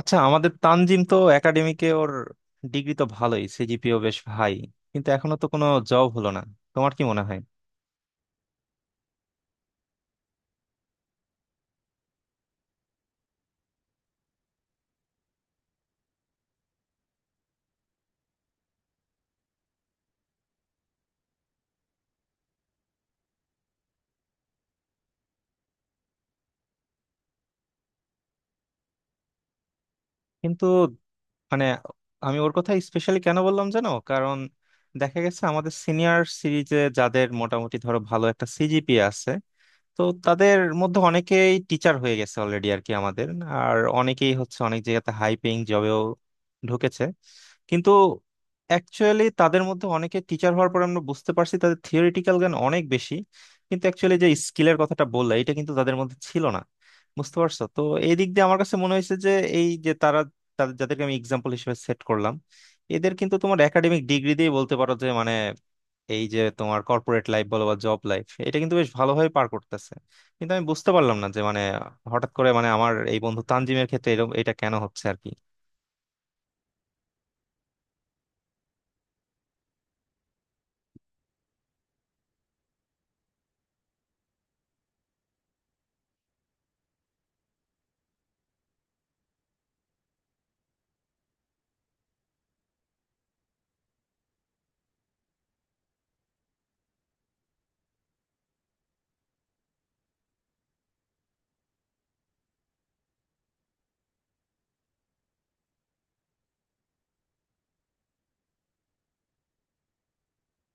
আচ্ছা, আমাদের তানজিম তো একাডেমিকে ওর ডিগ্রি তো ভালোই, সিজিপিও বেশ হাই, কিন্তু এখনো তো কোনো জব হলো না। তোমার কি মনে হয়? কিন্তু মানে আমি ওর কথা স্পেশালি কেন বললাম জানো, কারণ দেখা গেছে আমাদের সিনিয়র সিরিজে যাদের মোটামুটি ধরো ভালো একটা সিজিপিএ আছে, তো তাদের মধ্যে অনেকেই টিচার হয়ে গেছে অলরেডি আর কি। আমাদের আর অনেকেই হচ্ছে অনেক জায়গাতে হাই পেইং জবেও ঢুকেছে। কিন্তু অ্যাকচুয়ালি তাদের মধ্যে অনেকে টিচার হওয়ার পর আমরা বুঝতে পারছি তাদের থিওরিটিক্যাল জ্ঞান অনেক বেশি, কিন্তু অ্যাকচুয়ালি যে স্কিলের কথাটা বললে এটা কিন্তু তাদের মধ্যে ছিল না। বুঝতে পারছো তো? এই দিক দিয়ে আমার কাছে মনে হয়েছে যে এই যে তারা, তাদের যাদেরকে আমি এক্সাম্পল হিসেবে সেট করলাম, এদের কিন্তু তোমার একাডেমিক ডিগ্রি দিয়ে বলতে পারো যে এই যে তোমার কর্পোরেট লাইফ বলো বা জব লাইফ, এটা কিন্তু বেশ ভালোভাবে পার করতেছে। কিন্তু আমি বুঝতে পারলাম না যে হঠাৎ করে আমার এই বন্ধু তানজিমের ক্ষেত্রে এরকম এটা কেন হচ্ছে আর কি।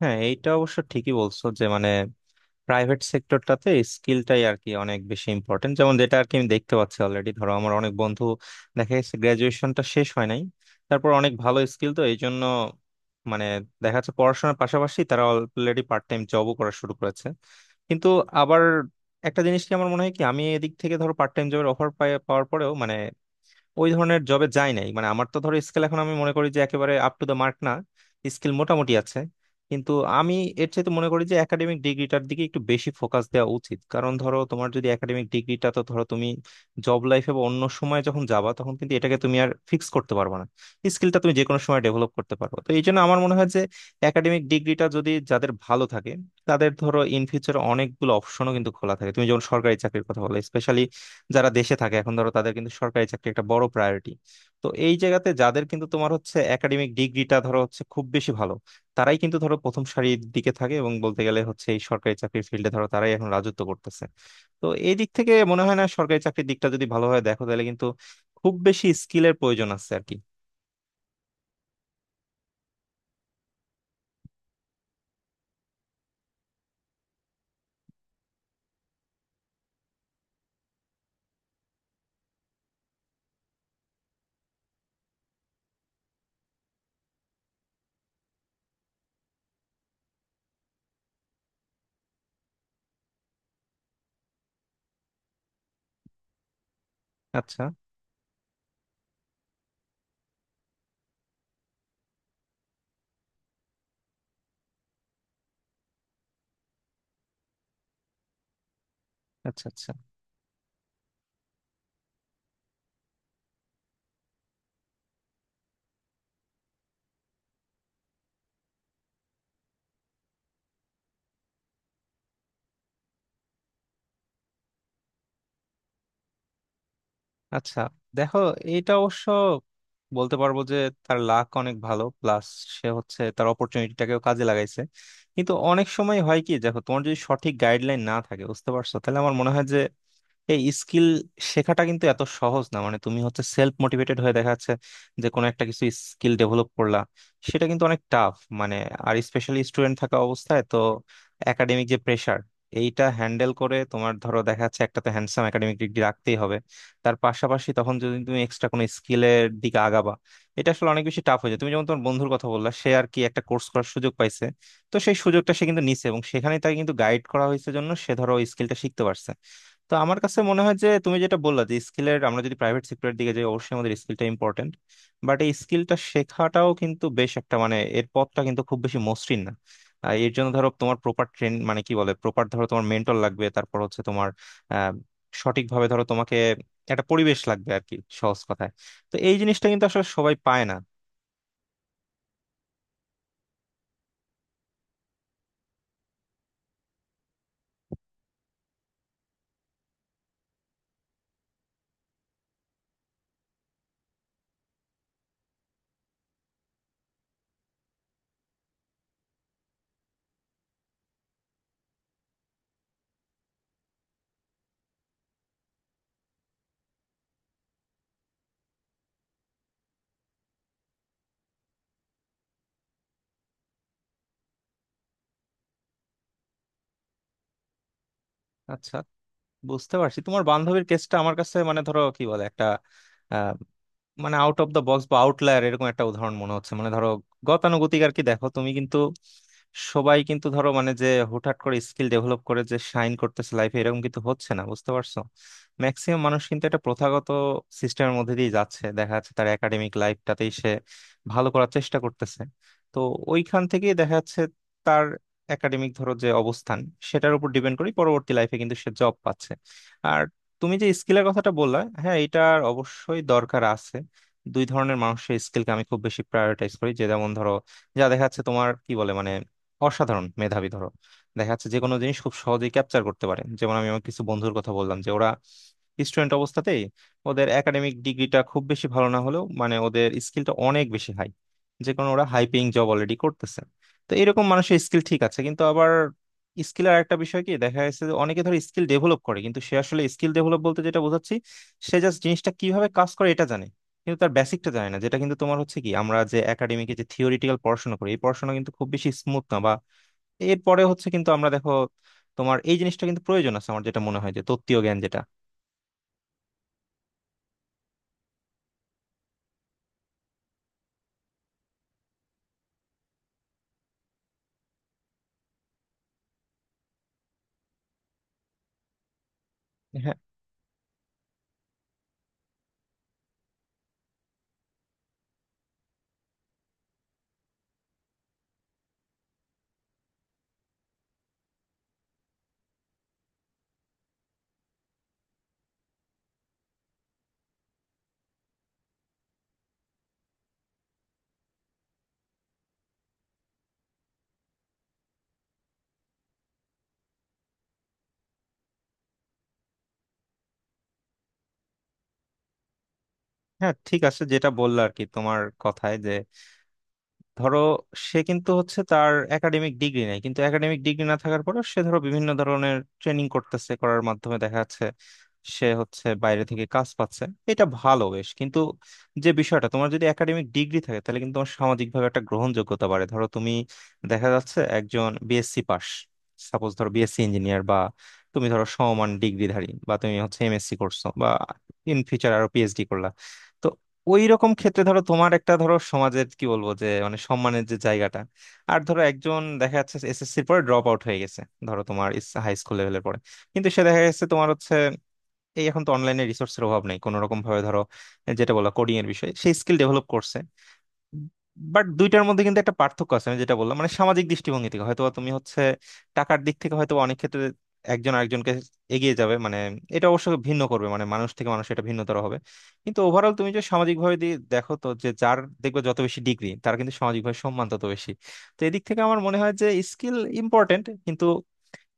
হ্যাঁ, এইটা অবশ্য ঠিকই বলছো যে প্রাইভেট সেক্টরটাতে স্কিলটাই আর কি অনেক বেশি ইম্পর্টেন্ট। যেমন যেটা আর কি আমি দেখতে পাচ্ছি অলরেডি, ধরো আমার অনেক বন্ধু, দেখা গেছে গ্রাজুয়েশনটা শেষ হয় নাই, তারপর অনেক ভালো স্কিল, তো এই জন্য মানে দেখা যাচ্ছে পড়াশোনার পাশাপাশি তারা অলরেডি পার্ট টাইম জবও করা শুরু করেছে। কিন্তু আবার একটা জিনিস কি আমার মনে হয় কি, আমি এদিক থেকে ধরো পার্ট টাইম জবের অফার পাওয়ার পরেও ওই ধরনের জবে যাই নাই। মানে আমার তো ধরো স্কিল, এখন আমি মনে করি যে একেবারে আপ টু দ্য মার্ক না, স্কিল মোটামুটি আছে। কিন্তু আমি এর চাইতে মনে করি যে একাডেমিক ডিগ্রিটার দিকে একটু বেশি ফোকাস দেওয়া উচিত, কারণ ধরো তোমার যদি একাডেমিক ডিগ্রিটা, তো ধরো তুমি জব লাইফে বা অন্য সময় যখন যাবা, তখন কিন্তু এটাকে তুমি আর ফিক্স করতে পারবে না। স্কিলটা তুমি যে কোনো সময় ডেভেলপ করতে পারো, তো এই জন্য আমার মনে হয় যে একাডেমিক ডিগ্রিটা যদি যাদের ভালো থাকে, তাদের ধরো ইন ফিউচার অনেকগুলো অপশনও কিন্তু খোলা থাকে। তুমি যেমন সরকারি চাকরির কথা বলে স্পেশালি, যারা দেশে থাকে এখন, ধরো তাদের কিন্তু সরকারি চাকরি একটা বড় প্রায়োরিটি। তো এই জায়গাতে যাদের কিন্তু তোমার হচ্ছে একাডেমিক ডিগ্রিটা ধরো হচ্ছে খুব বেশি ভালো, তারাই কিন্তু ধরো প্রথম সারির দিকে থাকে, এবং বলতে গেলে হচ্ছে এই সরকারি চাকরির ফিল্ডে ধরো তারাই এখন রাজত্ব করতেছে। তো এই দিক থেকে মনে হয় না সরকারি চাকরির দিকটা যদি ভালোভাবে দেখো, তাহলে কিন্তু খুব বেশি স্কিলের প্রয়োজন আছে আর কি। আচ্ছা আচ্ছা। আচ্ছা আচ্ছা। দেখো, এটা অবশ্য বলতে পারবো যে তার লাক অনেক ভালো, প্লাস সে হচ্ছে তার অপরচুনিটিটাকেও কাজে লাগাইছে। কিন্তু অনেক সময় হয় কি, দেখো তোমার যদি সঠিক গাইডলাইন না থাকে, বুঝতে পারছো, তাহলে আমার মনে হয় যে এই স্কিল শেখাটা কিন্তু এত সহজ না। মানে তুমি হচ্ছে সেলফ মোটিভেটেড হয়ে দেখা যাচ্ছে যে কোনো একটা কিছু স্কিল ডেভেলপ করলা, সেটা কিন্তু অনেক টাফ। মানে আর স্পেশালি স্টুডেন্ট থাকা অবস্থায় তো একাডেমিক যে প্রেসার, এইটা হ্যান্ডেল করে তোমার ধরো দেখা যাচ্ছে একটা তো হ্যান্ডসাম একাডেমিক ডিগ্রি রাখতেই হবে, তার পাশাপাশি তখন যদি তুমি এক্সট্রা কোনো স্কিলের দিকে আগাবা, এটা আসলে অনেক বেশি টাফ হয়ে যায়। তুমি যেমন তোমার বন্ধুর কথা বললা, সে আর কি একটা কোর্স করার সুযোগ পাইছে, তো সেই সুযোগটা সে কিন্তু নিছে, এবং সেখানে তাকে কিন্তু গাইড করা হয়েছে, জন্য সে ধরো স্কিলটা শিখতে পারছে। তো আমার কাছে মনে হয় যে তুমি যেটা বললা যে স্কিলের, আমরা যদি প্রাইভেট সেক্টরের দিকে যাই, অবশ্যই আমাদের স্কিলটা ইম্পর্টেন্ট। বাট এই স্কিলটা শেখাটাও কিন্তু বেশ একটা এর পথটা কিন্তু খুব বেশি মসৃণ না। এর জন্য ধরো তোমার প্রপার ট্রেন, মানে কি বলে, প্রপার ধরো তোমার মেন্টর লাগবে, তারপর হচ্ছে তোমার আহ সঠিকভাবে ধরো তোমাকে একটা পরিবেশ লাগবে আর কি, সহজ কথায়। তো এই জিনিসটা কিন্তু আসলে সবাই পায় না। আচ্ছা, বুঝতে পারছি তোমার বান্ধবীর কেসটা আমার কাছে, মানে ধরো কি বলে একটা আহ, মানে আউট অফ দ্য বক্স বা আউটলায়ার এরকম একটা উদাহরণ মনে হচ্ছে। মানে ধরো গতানুগতিক আর কি। দেখো তুমি কিন্তু, সবাই কিন্তু ধরো মানে যে হুটহাট করে স্কিল ডেভেলপ করে যে শাইন করতেছে লাইফে, এরকম কিন্তু হচ্ছে না, বুঝতে পারছো। ম্যাক্সিমাম মানুষ কিন্তু একটা প্রথাগত সিস্টেমের মধ্যে দিয়ে যাচ্ছে, দেখা যাচ্ছে তার একাডেমিক লাইফটাতেই সে ভালো করার চেষ্টা করতেছে। তো ওইখান থেকেই দেখা যাচ্ছে তার একাডেমিক ধরো যে অবস্থান, সেটার উপর ডিপেন্ড করে পরবর্তী লাইফে কিন্তু সে জব পাচ্ছে। আর তুমি যে স্কিলের কথাটা বললা, হ্যাঁ এটার অবশ্যই দরকার আছে। দুই ধরনের মানুষের স্কিলকে আমি খুব বেশি প্রায়োরিটাইজ করি। যে যেমন ধরো, যা দেখা যাচ্ছে তোমার কি বলে অসাধারণ মেধাবী, ধরো দেখা যাচ্ছে যে কোনো জিনিস খুব সহজেই ক্যাপচার করতে পারে। যেমন আমি আমার কিছু বন্ধুর কথা বললাম যে ওরা স্টুডেন্ট অবস্থাতেই, ওদের একাডেমিক ডিগ্রিটা খুব বেশি ভালো না হলেও ওদের স্কিলটা অনেক বেশি হাই, যে কোনো ওরা হাই পেইং জব অলরেডি করতেছে। তো এরকম মানুষের স্কিল ঠিক আছে, কিন্তু আবার স্কিল আর একটা বিষয় কি, দেখা যাচ্ছে যে অনেকে ধর স্কিল ডেভেলপ করে, কিন্তু সে আসলে স্কিল ডেভেলপ বলতে যেটা বোঝাচ্ছি, সে জাস্ট জিনিসটা কিভাবে কাজ করে এটা জানে, কিন্তু তার বেসিকটা জানে না, যেটা কিন্তু তোমার হচ্ছে কি আমরা যে একাডেমিকে যে থিওরিটিক্যাল পড়াশোনা করি, এই পড়াশোনা কিন্তু খুব বেশি স্মুথ না, বা এরপরে হচ্ছে কিন্তু আমরা দেখো তোমার এই জিনিসটা কিন্তু প্রয়োজন আছে। আমার যেটা মনে হয় যে তত্ত্বীয় জ্ঞান যেটা, হ্যাঁ। হ্যাঁ, ঠিক আছে যেটা বললো আর কি তোমার কথায়, যে ধরো সে কিন্তু হচ্ছে তার একাডেমিক ডিগ্রি নেই, কিন্তু একাডেমিক ডিগ্রি না থাকার পরেও সে ধরো বিভিন্ন ধরনের ট্রেনিং করতেছে, করার মাধ্যমে দেখা যাচ্ছে সে হচ্ছে বাইরে থেকে কাজ পাচ্ছে। এটা ভালো বেশ, কিন্তু যে বিষয়টা তোমার যদি একাডেমিক ডিগ্রি থাকে, তাহলে কিন্তু তোমার সামাজিকভাবে একটা গ্রহণযোগ্যতা বাড়ে। ধরো তুমি, দেখা যাচ্ছে একজন বিএসসি পাস, সাপোজ ধরো বিএসসি ইঞ্জিনিয়ার, বা তুমি ধরো সমমান ডিগ্রিধারী, বা তুমি হচ্ছে এমএসসি করছো, বা ইন ফিউচার আরো পিএইচডি করলা, ওই রকম ক্ষেত্রে ধরো তোমার একটা ধরো সমাজের কি বলবো যে সম্মানের যে জায়গাটা। আর ধরো একজন দেখা যাচ্ছে এসএসসির পরে ড্রপ আউট হয়ে গেছে, ধরো তোমার হাই স্কুল লেভেলের পরে, কিন্তু সে দেখা গেছে তোমার হচ্ছে, এই এখন তো অনলাইনে রিসোর্সের অভাব নেই, কোনো রকম ভাবে ধরো যেটা বলা কোডিং এর বিষয়, সেই স্কিল ডেভেলপ করছে। বাট দুইটার মধ্যে কিন্তু একটা পার্থক্য আছে, আমি যেটা বললাম মানে সামাজিক দৃষ্টিভঙ্গি থেকে। হয়তো তুমি হচ্ছে টাকার দিক থেকে হয়তো অনেক ক্ষেত্রে একজন আরেকজনকে এগিয়ে যাবে, এটা অবশ্য ভিন্ন করবে, মানে মানুষ থেকে মানুষ এটা ভিন্নতর হবে। কিন্তু ওভারঅল তুমি যে সামাজিক ভাবে দেখো তো, যে যার দেখবে যত বেশি ডিগ্রি, তার কিন্তু সামাজিক ভাবে সম্মান তত বেশি। তো এদিক থেকে আমার মনে হয় যে স্কিল ইম্পর্টেন্ট, কিন্তু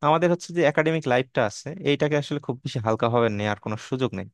আমাদের হচ্ছে যে একাডেমিক লাইফটা আছে, এইটাকে আসলে খুব বেশি হালকাভাবে নেওয়ার কোনো সুযোগ নেই।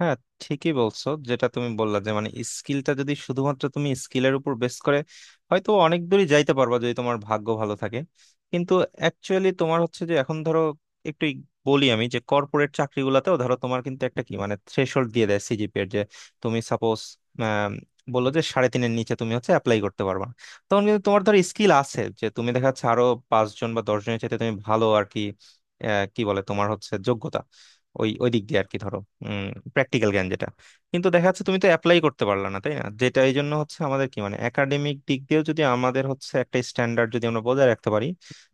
হ্যাঁ, ঠিকই বলছো যেটা তুমি বললা যে স্কিলটা যদি শুধুমাত্র তুমি স্কিলের উপর বেস করে, হয়তো অনেক দূরই যাইতে পারবা যদি তোমার ভাগ্য ভালো থাকে। কিন্তু অ্যাকচুয়ালি তোমার হচ্ছে যে এখন ধরো একটু বলি আমি, যে কর্পোরেট চাকরিগুলোতেও ধরো তোমার কিন্তু একটা কি মানে থ্রেশহোল্ড দিয়ে দেয় সিজিপি এর, যে তুমি সাপোজ বললো যে 3.5-এর নিচে তুমি হচ্ছে অ্যাপ্লাই করতে পারবা না। তখন কিন্তু তোমার ধর স্কিল আছে, যে তুমি দেখা যাচ্ছে আরো পাঁচজন বা দশজনের চাইতে তুমি ভালো আর কি, কি বলে তোমার হচ্ছে যোগ্যতা, ওই ওই দিক দিয়ে আর কি, ধরো প্র্যাকটিক্যাল জ্ঞান যেটা, কিন্তু দেখা যাচ্ছে তুমি তো অ্যাপ্লাই করতে পারলা না, তাই না। যেটা এই জন্য হচ্ছে আমাদের কি একাডেমিক দিক দিয়েও যদি আমাদের হচ্ছে একটা স্ট্যান্ডার্ড যদি আমরা বজায় রাখতে পারি,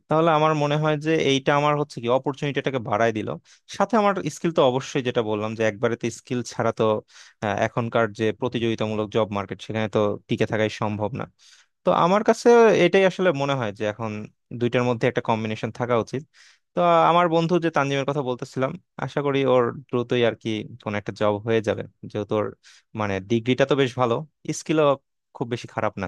তাহলে আমার মনে হয় যে এইটা আমার হচ্ছে কি অপরচুনিটিটাকে বাড়ায় দিল। সাথে আমার স্কিল তো অবশ্যই, যেটা বললাম যে একবারে তো স্কিল ছাড়া তো এখনকার যে প্রতিযোগিতামূলক জব মার্কেট, সেখানে তো টিকে থাকাই সম্ভব না। তো আমার কাছে এটাই আসলে মনে হয় যে এখন দুইটার মধ্যে একটা কম্বিনেশন থাকা উচিত। তো আমার বন্ধু যে তানজিমের কথা বলতেছিলাম, আশা করি ওর দ্রুতই আর কি কোন একটা জব হয়ে যাবে, যেহেতু ওর ডিগ্রিটা তো বেশ ভালো, স্কিলও খুব বেশি খারাপ না।